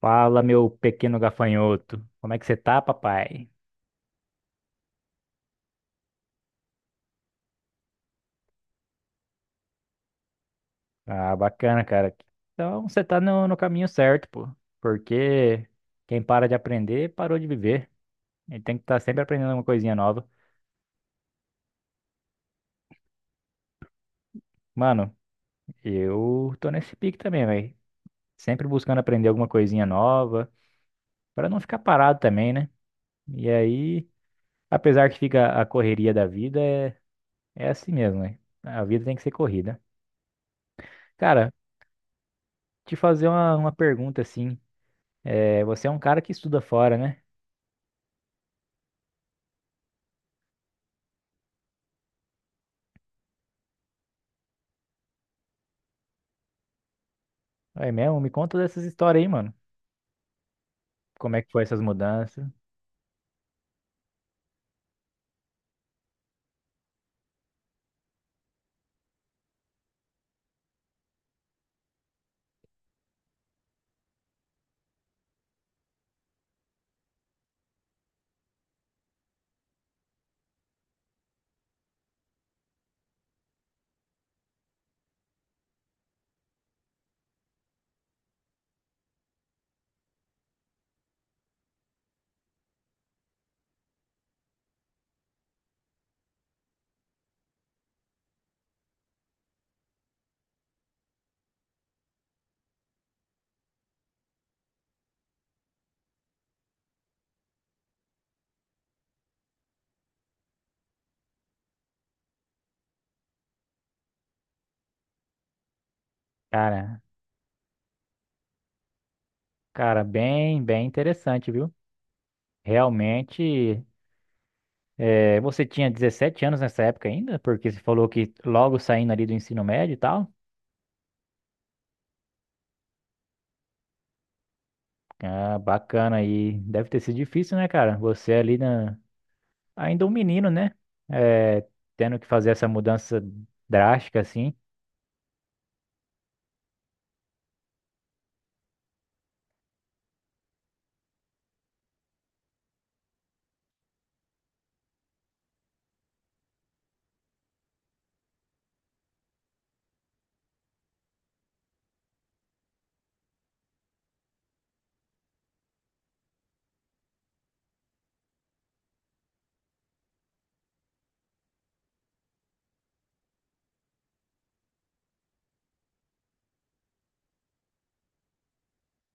Fala, meu pequeno gafanhoto. Como é que você tá, papai? Ah, bacana, cara. Então, você tá no caminho certo, pô. Porque quem para de aprender, parou de viver. Ele tem que estar sempre aprendendo alguma coisinha nova. Mano, eu tô nesse pique também, velho. Sempre buscando aprender alguma coisinha nova, pra não ficar parado também, né? E aí, apesar que fica a correria da vida, é assim mesmo, né? A vida tem que ser corrida. Cara, te fazer uma pergunta assim. É, você é um cara que estuda fora, né? É mesmo? Me conta dessas histórias aí, mano. Como é que foi essas mudanças? Cara, cara, bem, bem interessante, viu? Realmente, você tinha 17 anos nessa época ainda? Porque você falou que logo saindo ali do ensino médio e tal. Ah, bacana aí. Deve ter sido difícil, né, cara? Você ali na... ainda um menino, né? É, tendo que fazer essa mudança drástica assim.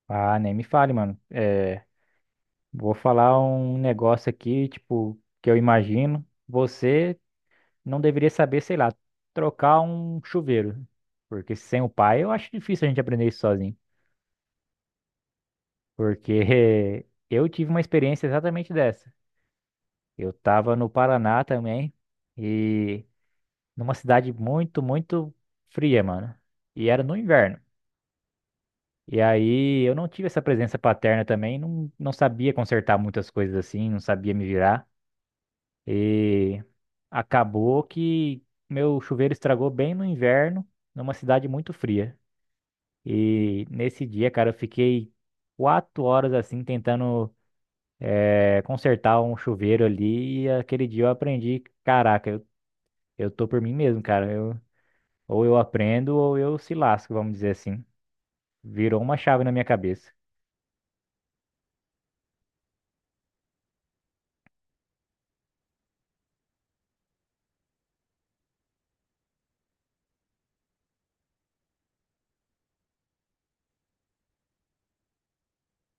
Ah, nem me fale, mano. Vou falar um negócio aqui, tipo, que eu imagino. Você não deveria saber, sei lá, trocar um chuveiro. Porque sem o pai, eu acho difícil a gente aprender isso sozinho. Porque eu tive uma experiência exatamente dessa. Eu tava no Paraná também, e numa cidade muito, muito fria, mano. E era no inverno. E aí eu não tive essa presença paterna também, não, não sabia consertar muitas coisas assim, não sabia me virar. E. Acabou que meu chuveiro estragou bem no inverno, numa cidade muito fria. E nesse dia, cara, eu fiquei 4 horas assim tentando consertar um chuveiro ali. E aquele dia eu aprendi, caraca, eu tô por mim mesmo, cara. Ou eu aprendo ou eu se lasco, vamos dizer assim. Virou uma chave na minha cabeça.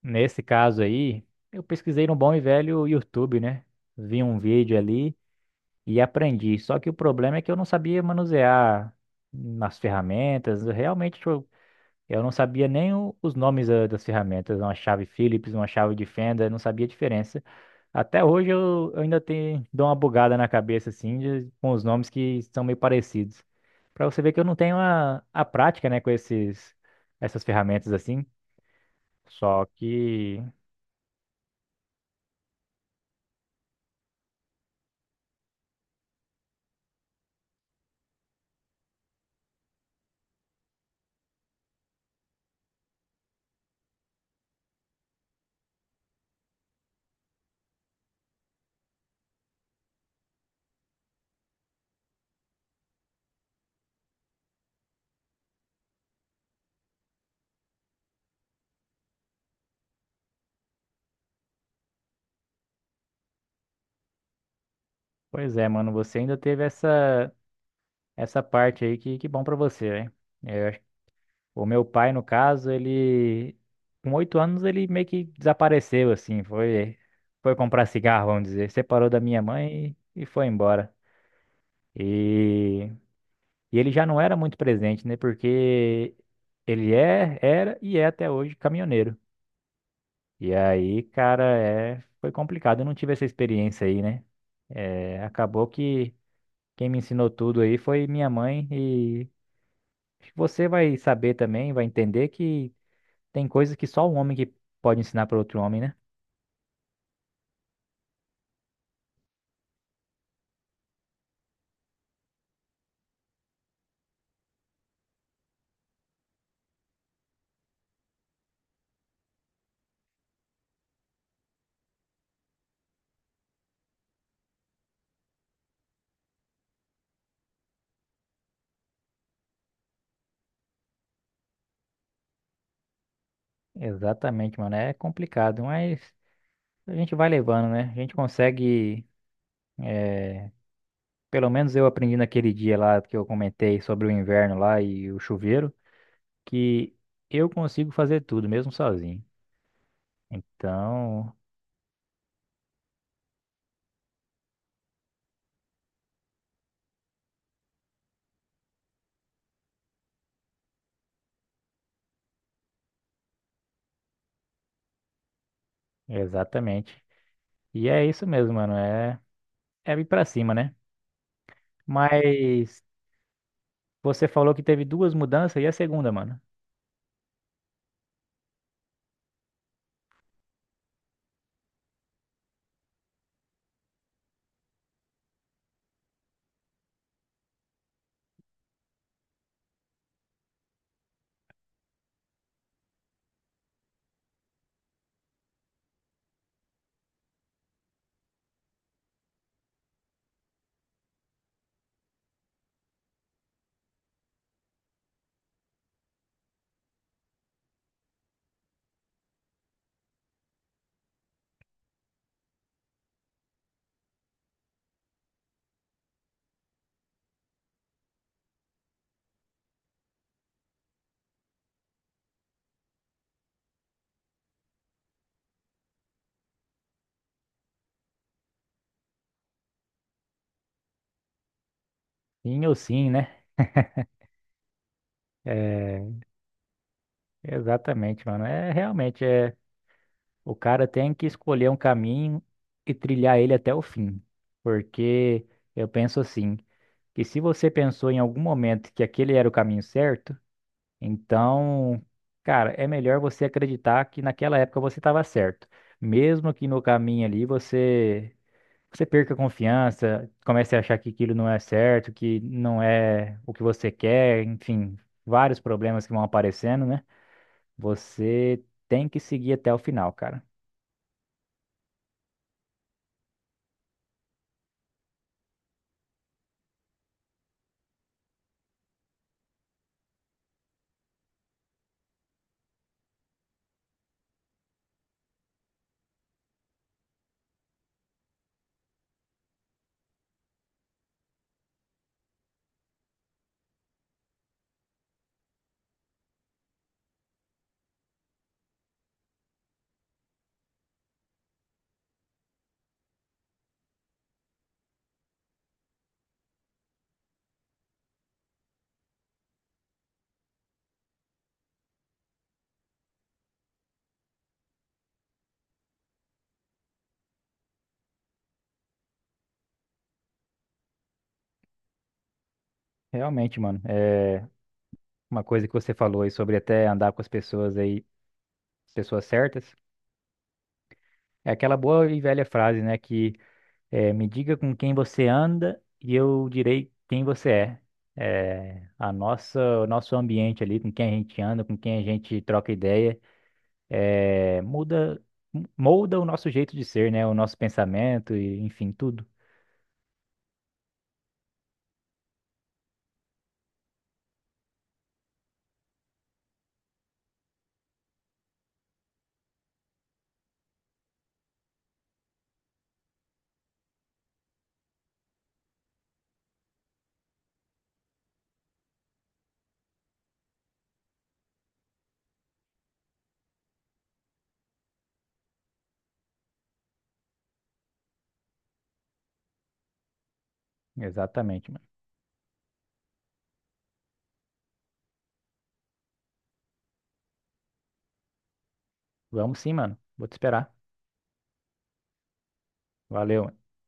Nesse caso aí, eu pesquisei no bom e velho YouTube, né? Vi um vídeo ali e aprendi. Só que o problema é que eu não sabia manusear nas ferramentas. Eu Realmente, tipo, eu não sabia nem os nomes das ferramentas. Uma chave Phillips, uma chave de fenda, eu não sabia a diferença. Até hoje eu ainda tenho, dou uma bugada na cabeça, assim, com os nomes que são meio parecidos. Pra você ver que eu não tenho a prática, né, com essas ferramentas assim. Só que, pois é, mano, você ainda teve essa parte aí que bom pra você, né? O meu pai, no caso, ele com 8 anos ele meio que desapareceu assim, foi comprar cigarro, vamos dizer, separou da minha mãe e foi embora. E, e ele já não era muito presente, né? Porque ele era e é até hoje caminhoneiro. E aí, cara, foi complicado. Eu não tive essa experiência aí, né? Acabou que quem me ensinou tudo aí foi minha mãe e acho que você vai saber também, vai entender que tem coisas que só um homem que pode ensinar para outro homem, né? Exatamente, mano. É complicado, mas a gente vai levando, né? A gente consegue. Pelo menos eu aprendi naquele dia lá que eu comentei sobre o inverno lá e o chuveiro, que eu consigo fazer tudo, mesmo sozinho. Então, exatamente. E é isso mesmo, mano. É ir pra cima, né? Mas você falou que teve duas mudanças e a segunda, mano. Sim ou sim, né? É, exatamente, mano. É realmente. O cara tem que escolher um caminho e trilhar ele até o fim. Porque eu penso assim, que se você pensou em algum momento que aquele era o caminho certo, então, cara, é melhor você acreditar que naquela época você estava certo. Mesmo que no caminho ali você perca a confiança, comece a achar que aquilo não é certo, que não é o que você quer, enfim, vários problemas que vão aparecendo, né? Você tem que seguir até o final, cara. Realmente, mano, é uma coisa que você falou aí sobre até andar com as pessoas aí, pessoas certas, é aquela boa e velha frase, né, que é, me diga com quem você anda e eu direi quem você é. O nosso ambiente ali, com quem a gente anda, com quem a gente troca ideia, é, muda, molda o nosso jeito de ser, né, o nosso pensamento e enfim, tudo. Exatamente, mano. Vamos sim, mano. Vou te esperar. Valeu.